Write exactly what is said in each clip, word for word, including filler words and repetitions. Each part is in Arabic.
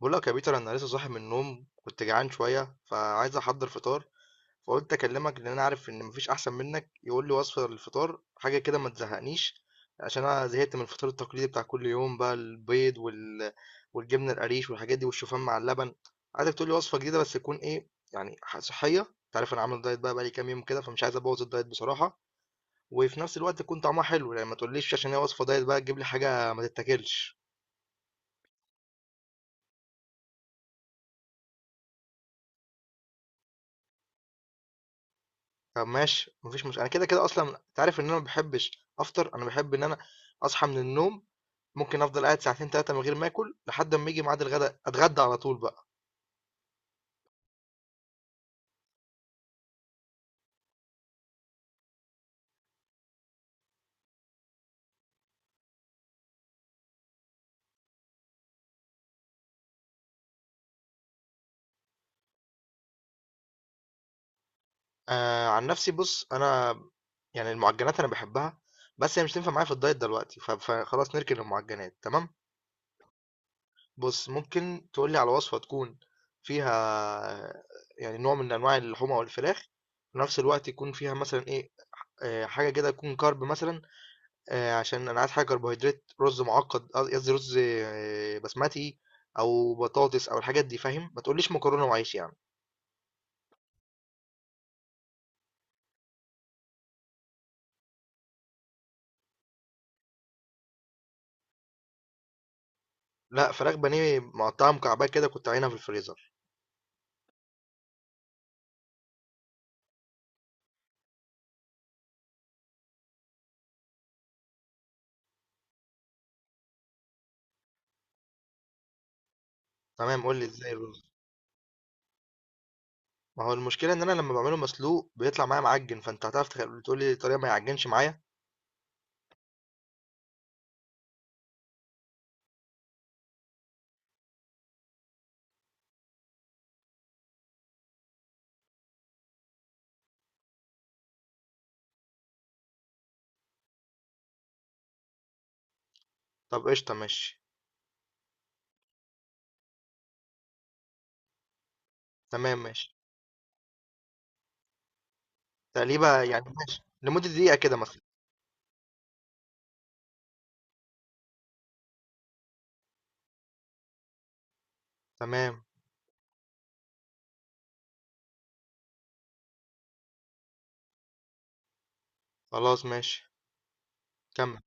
بقول لك يا بيتر، انا لسه صاحي من النوم، كنت جعان شويه فعايز احضر فطار. فقلت اكلمك لان انا عارف ان مفيش احسن منك يقول لي وصفه للفطار، حاجه كده ما تزهقنيش. عشان انا زهقت من الفطار التقليدي بتاع كل يوم بقى، البيض وال... والجبنه القريش والحاجات دي والشوفان مع اللبن. عايزك تقول لي وصفه جديده بس تكون ايه يعني ح- صحيه. انت عارف انا عامل دايت بقى بقالي كام يوم كده، فمش عايز ابوظ الدايت بصراحه. وفي نفس الوقت تكون طعمها حلو، يعني ما تقوليش عشان هي وصفه دايت بقى تجيب لي حاجه ما تتاكلش. طب ماشي، مفيش مشكلة. انا كده كده اصلا انت عارف ان انا ما بحبش افطر، انا بحب ان انا اصحى من النوم ممكن افضل قاعد ساعتين ثلاثة من غير ما اكل لحد ما يجي ميعاد الغداء اتغدى على طول بقى. آه، عن نفسي بص انا يعني المعجنات انا بحبها، بس هي مش تنفع معايا في الدايت دلوقتي، ف- فخلاص نركن المعجنات. تمام. بص ممكن تقولي على وصفة تكون فيها يعني نوع من انواع اللحوم او الفراخ، في نفس الوقت يكون فيها مثلا ايه، آه، حاجة كده تكون كارب مثلا. آه، عشان انا عايز حاجه كربوهيدرات، رز معقد، قصدي قصدي رز آه، بسمتي او بطاطس او الحاجات دي، فاهم؟ ما تقوليش مكرونه وعيش يعني. لا، فراخ بانيه مقطعه مكعبات كده كنت عينها في الفريزر. تمام، قول لي ازاي الرز. ما هو المشكله ان انا لما بعمله مسلوق بيطلع معايا معجن، فانت هتعرف تخ- تقول لي الطريقه ما يعجنش معايا. طب قشطه، ماشي. تمام ماشي. تقليبه يعني ماشي، لمده دقيقه كده مثلا. تمام. خلاص ماشي، كمل.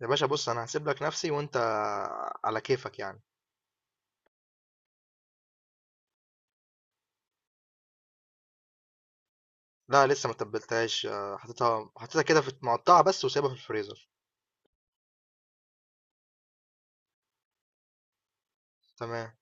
يا باشا بص انا هسيب لك نفسي، وانت على كيفك يعني. لا، لسه ما تبلتهاش. آه، حطيتها حطيتها كده في مقطعه بس، وسايبها في الفريزر. تمام.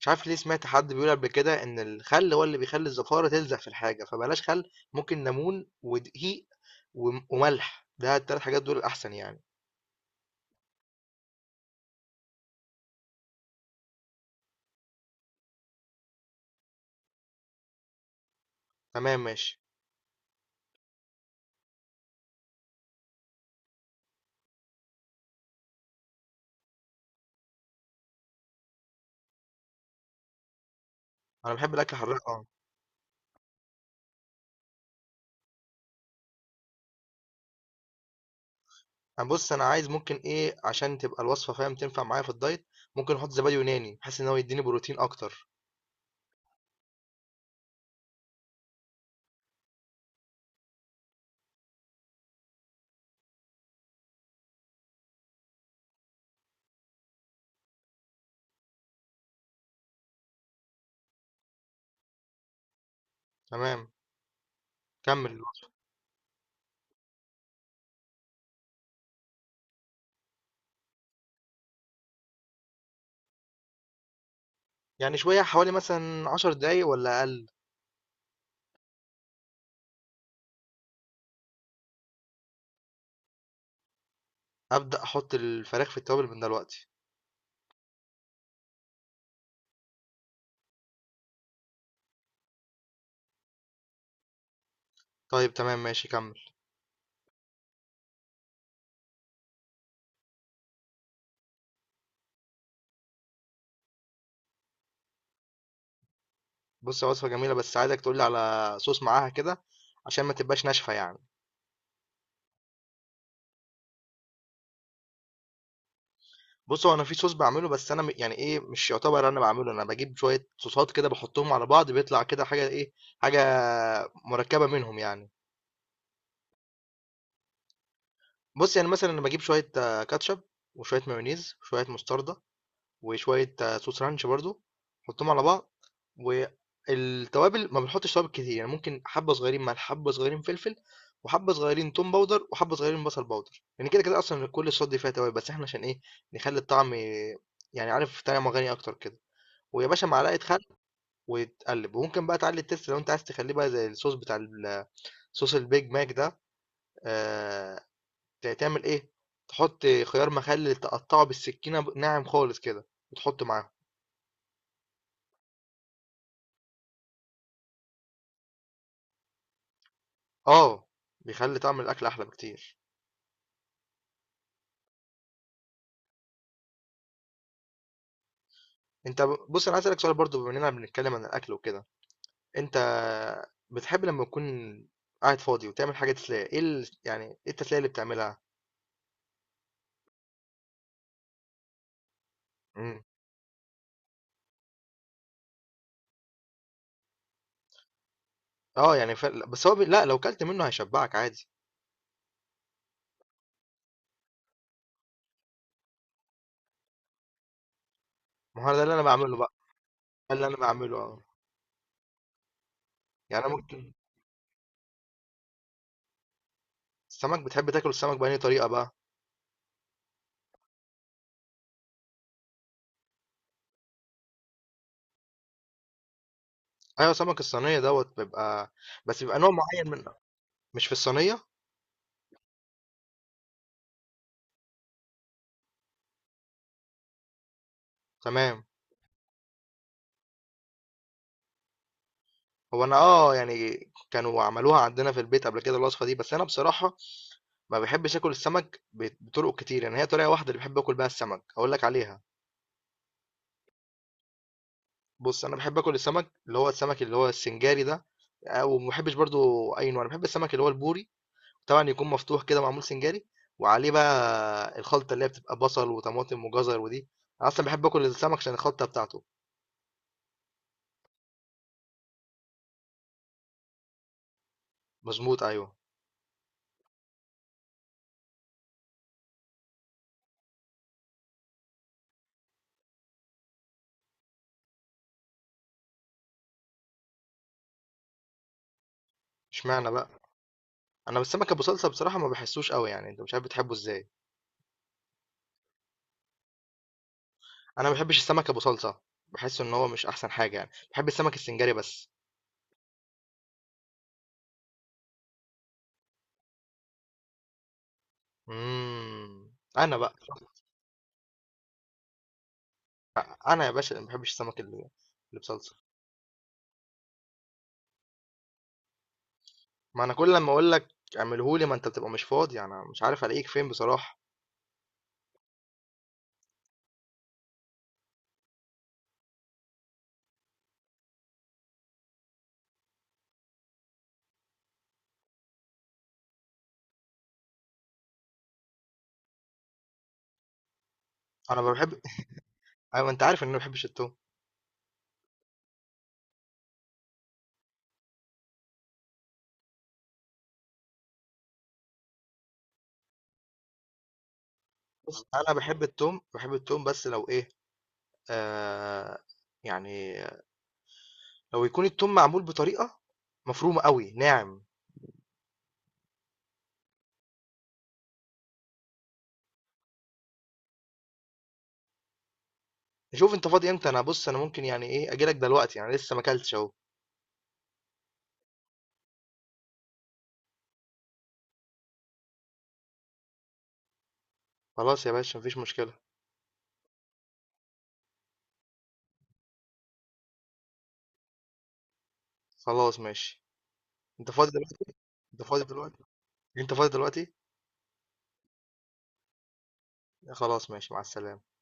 مش عارف ليه، سمعت حد بيقول قبل كده ان الخل هو اللي بيخلي الزفاره تلزق في الحاجه، فبلاش خل، ممكن ليمون ودقيق وم- وملح، ده التلات حاجات دول الاحسن يعني. تمام ماشي. انا بحب الاكل حراق، اه. انا بص انا عايز ممكن ايه عشان تبقى الوصفه، فاهم، تنفع معايا في الدايت، ممكن احط زبادي يوناني بحيث ان هو يديني بروتين اكتر. تمام، كمل الوصفة. يعني شويه، حوالي مثلا عشر دقايق ولا اقل؟ ابدا احط الفراخ في التوابل من دلوقتي. طيب تمام ماشي، كمل. بص هي وصفة جميلة، بس عايزك تقولي على صوص معاها كده عشان ما تبقاش ناشفة يعني. بص هو انا في صوص بعمله، بس انا م- يعني ايه، مش يعتبر انا بعمله، انا بجيب شوية صوصات كده بحطهم على بعض، بيطلع كده حاجة ايه، حاجة مركبة منهم يعني. بص يعني مثلا انا بجيب شوية آه، كاتشب وشوية مايونيز وشوية مستردة وشوية آه، صوص رانش برضو، حطهم على بعض. والتوابل ما بنحطش توابل كتير يعني، ممكن حبة صغيرين ملح، حبة صغيرين فلفل، وحبة صغيرين توم باودر، وحبة صغيرين بصل باودر. يعني كده كده أصلا كل الصوص دي فيها توابل، بس احنا عشان ايه نخلي الطعم يعني، عارف، طعم غني أكتر كده. ويا باشا معلقة خل وتقلب، وممكن بقى تعلي التست لو انت عايز تخليه بقى زي الصوص بتاع ال- صوص البيج ماك ده. آه، تعمل ايه، تحط خيار مخلل تقطعه بالسكينة ناعم خالص كده وتحطه معاه. آه، بيخلّي طعم الأكل أحلى بكتير. أنت، ب بُص، أنا عايز أسألك سؤال برضه بما إننا بنتكلم عن الأكل وكده، أنت بتحب لمّا تكون قاعد فاضي وتعمل حاجة تسلية، إيه ال يعني إيه التسلية اللي بتعملها؟ إمم، آه، يعني ف بس هو ب لأ لو كلت منه هيشبعك عادي. ما هو ده اللي أنا باعمله بقى. ده اللي أنا باعمله، آه. يعني أنا ممكن السمك، بتحب تاكل السمك بأنهي طريقة بقى؟ أيوه، سمك الصينية دوّة بيبقى، بس بيبقى نوع معيّن منه. مش في الصينية؟ تمام. هو أنا آه، يعني كانوا عملوها عندنا في البيت قبل كده الوصفة دي، بس أنا بصراحة ما بيحبش ياكل السمك بت- بطرق كتير، يعني هي طريقة واحدة اللي بحب اكل بيها السمك اقول لك عليها. بص انا بحب اكل السمك اللي هو السمك اللي هو السنجاري ده. آه، وما بحبش برضو اي نوع، انا بحب السمك اللي هو البوري، طبعا يكون مفتوح كده معمول سنجاري، وعليه بقى الخلطة اللي هي بتبقى بصل وطماطم وجزر ودي. انا اصلا بحب اكل السمك عشان الخلطة بتاعته. مظبوط، ايوه. اشمعنى بقى، انا بالسمك ابو صلصة بصراحة ما بحسوش قوي يعني، انت مش عارف بتحبه ازاي. انا ما بحبش السمك ابو صلصة، بحس ان هو مش احسن حاجة يعني، بحب السمك السنجاري بس. امم، انا بقى، انا يا باشا اللي ما بحبش السمك اللي اللي بصلصه. ما انا كل لما اقول لك اعمله لي ما انت بتبقى مش فاضي، انا مش عارف الاقيك فين بصراحه. انا ما بحب ايوه، انت عارف ان انا ما بحبش التوم. بص انا بحب التوم بحب التوم بس لو ايه، آه، يعني لو يكون التوم معمول بطريقه مفرومه قوي، ناعم. شوف انت فاضي امتى، انا بص انا ممكن يعني ايه اجي لك دلوقتي يعني، لسه ما اكلتش اهو. خلاص يا باشا، مفيش مشكله. خلاص ماشي. انت فاضي دلوقتي؟ انت فاضي دلوقتي؟ انت فاضي دلوقتي؟ خلاص ماشي، مع السلامه.